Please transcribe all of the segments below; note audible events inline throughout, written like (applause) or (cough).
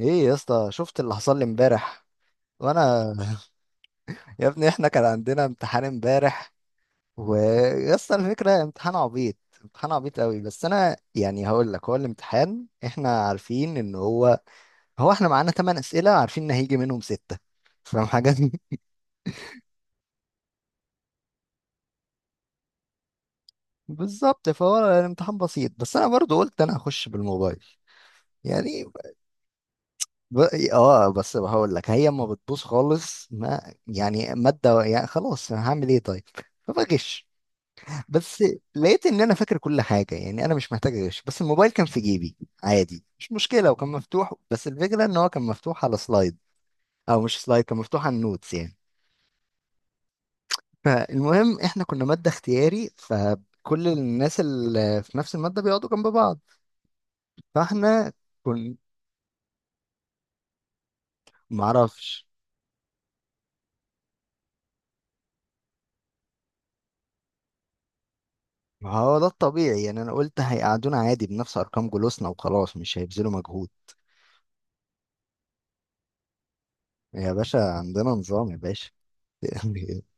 ايه يا اسطى، شفت اللي حصل لي امبارح وانا (laughs) يا ابني احنا كان عندنا امتحان امبارح. ويا اسطى الفكره امتحان عبيط امتحان عبيط قوي. بس انا يعني هقول لك، هو الامتحان احنا عارفين ان هو احنا معانا 8 اسئله، عارفين ان هيجي منهم سته. فاهم حاجه؟ (laughs) بالظبط، فهو الامتحان بسيط، بس انا برضو قلت انا هخش بالموبايل يعني. ب... اه، بس هقول لك هي ما بتبوظ خالص، ما يعني ماده، يعني خلاص هعمل ايه طيب؟ فبغش. بس لقيت ان انا فاكر كل حاجه، يعني انا مش محتاج اغش، بس الموبايل كان في جيبي عادي، مش مشكله، وكان مفتوح. بس الفكره ان هو كان مفتوح على سلايد، او مش سلايد، كان مفتوح على النوتس يعني. فالمهم احنا كنا ماده اختياري، فكل الناس اللي في نفس الماده بيقعدوا جنب بعض. فاحنا كنا، معرفش، ما هو ده الطبيعي يعني. انا قلت هيقعدونا عادي بنفس ارقام جلوسنا وخلاص، مش هيبذلوا مجهود. يا باشا عندنا نظام يا باشا (laughs)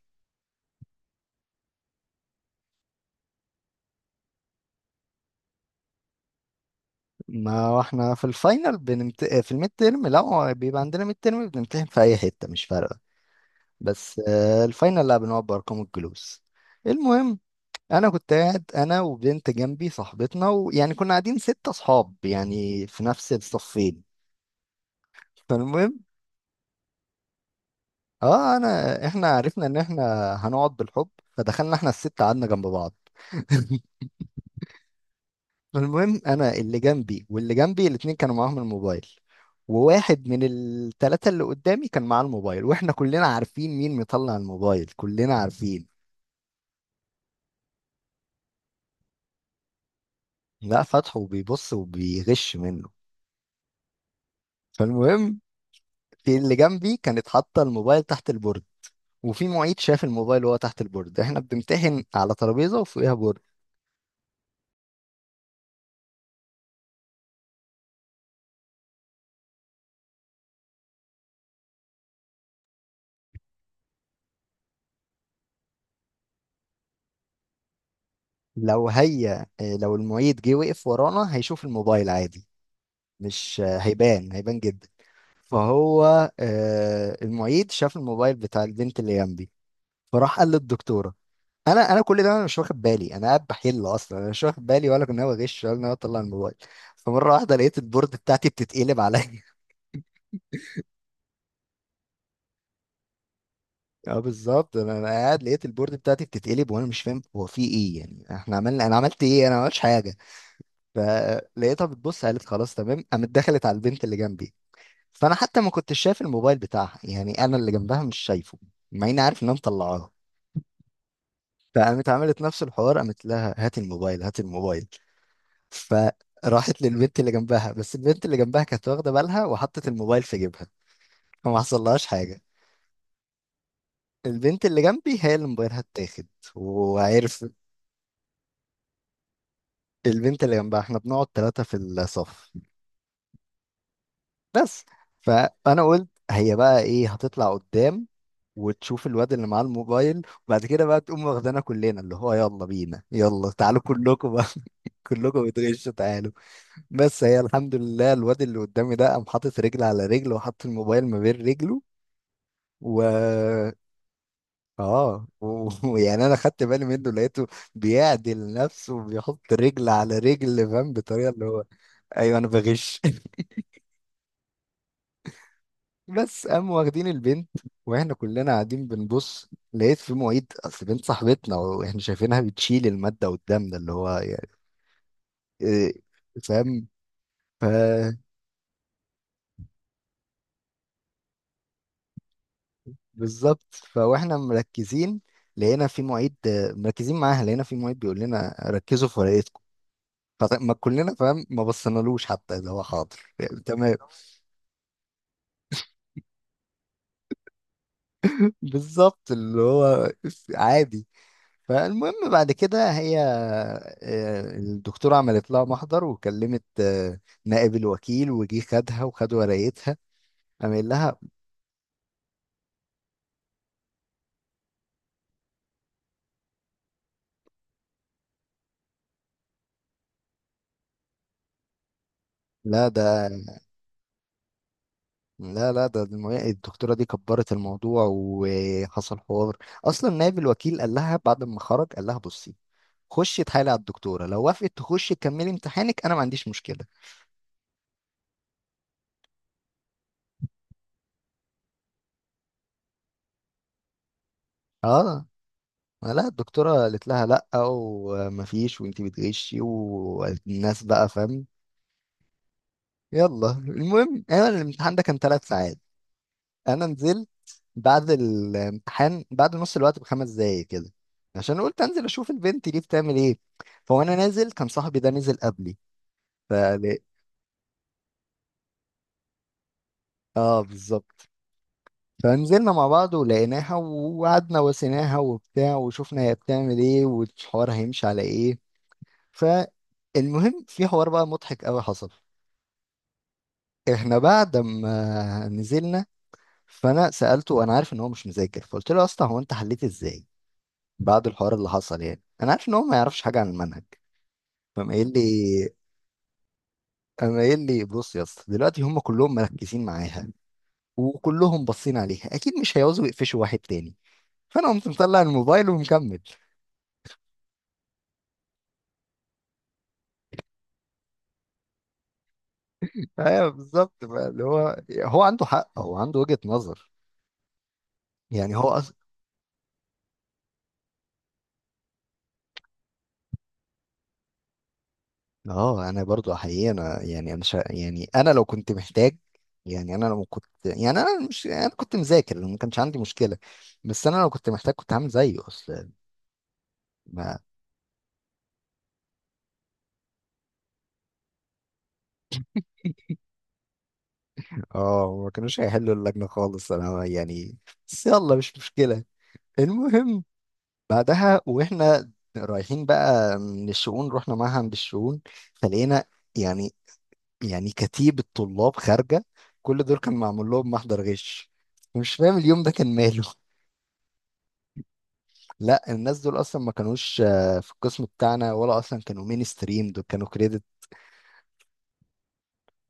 ما هو احنا في الفاينل بنمت... آه، في الميد تيرم لا، هو بيبقى عندنا ميد تيرم بنمتحن في اي حته مش فارقه. بس الفاينل لا، بنقعد بارقام الجلوس. المهم، انا كنت قاعد انا وبنت جنبي صاحبتنا، ويعني كنا قاعدين ستة اصحاب يعني في نفس الصفين. فالمهم، اه، احنا عرفنا ان احنا هنقعد بالحب، فدخلنا احنا الستة قعدنا جنب بعض (laughs) المهم، انا اللي جنبي واللي جنبي الاتنين كانوا معاهم الموبايل، وواحد من التلاتة اللي قدامي كان معاه الموبايل، واحنا كلنا عارفين مين مطلع الموبايل، كلنا عارفين. لا، فتحه وبيبص وبيغش منه. فالمهم، في اللي جنبي كانت حاطة الموبايل تحت البورد، وفي معيد شاف الموبايل وهو تحت البورد. احنا بنمتحن على ترابيزة وفوقيها بورد. لو هي لو المعيد جه وقف ورانا هيشوف الموبايل عادي، مش هيبان، هيبان جدا. فهو المعيد شاف الموبايل بتاع البنت اللي جنبي، فراح قال للدكتوره. انا كل ده انا مش واخد بالي، انا قاعد بحل اصلا، انا مش واخد بالي، ولا كنت ناوي اغش، ولا ناوي اطلع الموبايل. فمره واحده لقيت البورد بتاعتي بتتقلب عليا. (laughs) اه بالظبط، انا قاعد لقيت البورد بتاعتي بتتقلب، وانا مش فاهم هو في ايه. يعني احنا عملنا، انا عملت ايه؟ انا ما عملتش حاجه. فلقيتها بتبص، قالت خلاص تمام، قامت دخلت على البنت اللي جنبي. فانا حتى ما كنتش شايف الموبايل بتاعها، يعني انا اللي جنبها مش شايفه، مع اني عارف ان انا مطلعاه. فقامت عملت نفس الحوار، قامت لها هات الموبايل، هات الموبايل. فراحت للبنت اللي جنبها، بس البنت اللي جنبها كانت واخده بالها وحطت الموبايل في جيبها، فما حصلهاش حاجه. البنت اللي جنبي هي اللي موبايلها اتاخد. وعرف، البنت اللي جنبها، احنا بنقعد ثلاثه في الصف. بس فانا قلت هي بقى ايه، هتطلع قدام وتشوف الواد اللي معاه الموبايل، وبعد كده بقى تقوم واخدانا كلنا، اللي هو يلا بينا، يلا تعالوا كلكم بقى، كلكم بتغشوا تعالوا. بس هي الحمد لله، الواد اللي قدامي ده قام حاطط رجل على رجل وحط الموبايل ما بين رجله، و (laughs) ويعني انا خدت بالي منه، لقيته بيعدل نفسه وبيحط رجل على رجل، فاهم بطريقه اللي هو ايوه انا بغش (laughs) بس قام واخدين البنت. واحنا كلنا قاعدين بنبص، لقيت في معيد، اصل بنت صاحبتنا واحنا شايفينها بتشيل الماده قدامنا، اللي هو يعني إيه، فاهم. بالظبط، فواحنا مركزين لقينا في معيد، مركزين معاها، لقينا في معيد بيقول لنا ركزوا في ورقتكم. فما كلنا فاهم، ما بصينالوش حتى اذا هو حاضر (laughs) يعني. تمام بالظبط، اللي هو عادي. فالمهم بعد كده هي الدكتورة عملت لها محضر، وكلمت نائب الوكيل، وجي خدها وخد ورقتها. قام قايل لها، لا ده، لا، ده الدكتورة دي كبرت الموضوع وحصل حوار. أصلا نائب الوكيل قال لها بعد ما خرج، قال لها بصي، خشي اتحايلي على الدكتورة، لو وافقت تخشي تكملي امتحانك أنا ما عنديش مشكلة. اه، لا، الدكتورة قالت لها لأ، ومفيش، وانتي بتغشي، والناس بقى فاهم. يلا، المهم، أنا الامتحان ده كان ثلاث ساعات. أنا نزلت بعد الامتحان، بعد نص الوقت بخمس دقايق كده، عشان قلت انزل اشوف البنت دي بتعمل ايه. فوانا نازل كان صاحبي ده نزل قبلي، فقال- اه بالظبط. فنزلنا مع بعض ولقيناها، وقعدنا وسيناها وبتاع، وشفنا هي بتعمل ايه والحوار هيمشي على ايه. فالمهم، في حوار بقى مضحك قوي حصل. احنا بعد ما نزلنا، فانا سالته، انا عارف ان هو مش مذاكر، فقلت له يا اسطى هو انت حليت ازاي بعد الحوار اللي حصل؟ يعني انا عارف ان هو ما يعرفش حاجه عن المنهج. فقام قايل لي قام قايل لي، بص يا اسطى دلوقتي هم كلهم مركزين معاها، وكلهم باصين عليها، اكيد مش هيعوزوا يقفشوا واحد تاني، فانا قمت مطلع الموبايل ومكمل. ايوه بالظبط بقى، اللي هو هو عنده حق، هو عنده وجهة نظر. يعني هو اه، انا برضو حقيقي، انا يعني انا يعني انا لو كنت محتاج، يعني انا لو كنت، يعني انا مش، انا كنت مذاكر ما كانش عندي مشكله، بس انا لو كنت محتاج كنت هعمل زيه اصلا. ما اه ما كانوش هيحلوا اللجنه خالص انا يعني، بس يلا، مش مشكله. المهم بعدها، واحنا رايحين بقى من الشؤون، رحنا معهد الشؤون. فلقينا يعني، يعني كتيبة طلاب خارجة، كل دول كان معمول لهم محضر غش، ومش فاهم اليوم ده كان ماله. لا، الناس دول اصلا ما كانوش في القسم بتاعنا، ولا اصلا كانوا مين ستريم، دول كانوا كريدت.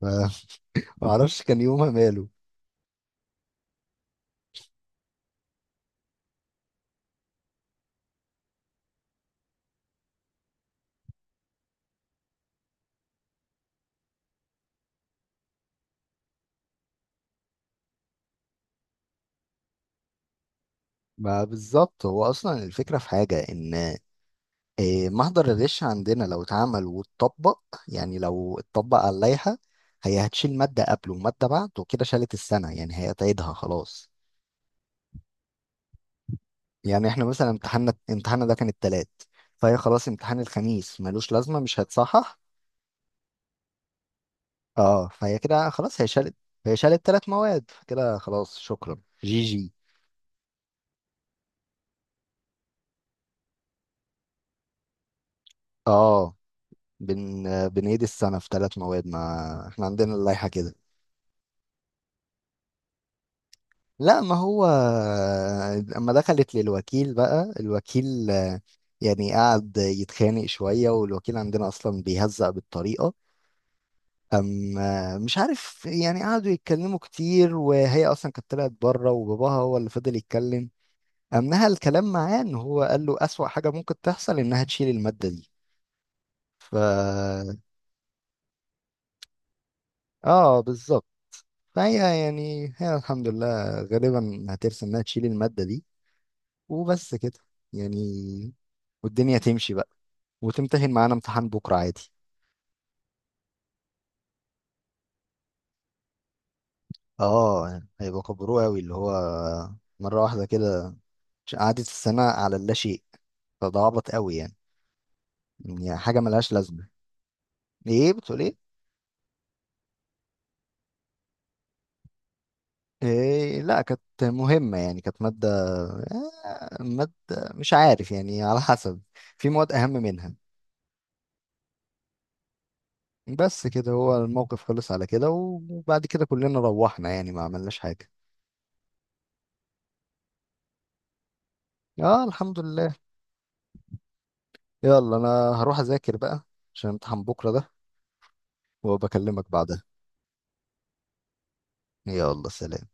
ف- (laughs) ما اعرفش كان يومها ماله. ما بالظبط، هو اصلا الفكره في حاجه ان محضر الغش عندنا لو اتعمل واتطبق، يعني لو اتطبق على اللائحه، هي هتشيل ماده قبله وماده بعده، وكده شالت السنه يعني، هي هتعيدها خلاص. يعني احنا مثلا امتحاننا ده كان التلات، فهي خلاص امتحان الخميس ملوش لازمة، مش هيتصحح. اه، فهي كده خلاص، هي شالت تلات مواد، فكده خلاص شكرا جي جي. اه، بنعيد السنة في تلات مواد، ما احنا عندنا اللائحة كده. لا، ما هو، اما دخلت للوكيل بقى، الوكيل يعني قعد يتخانق شوية، والوكيل عندنا اصلا بيهزق بالطريقة. أم مش عارف، يعني قعدوا يتكلموا كتير، وهي أصلا كانت طلعت بره، وباباها هو اللي فضل يتكلم. نهى الكلام معاه إن هو قال له أسوأ حاجة ممكن تحصل إنها تشيل المادة دي. ف بالظبط. فهي يعني هي الحمد لله غالبا هترسم إنها تشيل المادة دي، وبس كده يعني، والدنيا تمشي بقى، وتمتحن معانا امتحان بكرة عادي. هيبقى كبروه أوي اللي هو، مرة واحدة كده قعدت السنة على اللاشيء. فده عبط قوي يعني، يعني حاجه ملهاش لازمه. ايه بتقول ايه؟ إيه، لا كانت مهمة، يعني كانت مادة، مادة، مش عارف يعني، على حسب، في مواد أهم منها. بس كده، هو الموقف خلص على كده، وبعد كده كلنا روحنا، يعني ما عملناش حاجة. اه الحمد لله. يلا أنا هروح أذاكر بقى عشان امتحان بكرة ده، وبكلمك بعدها. يلا سلام.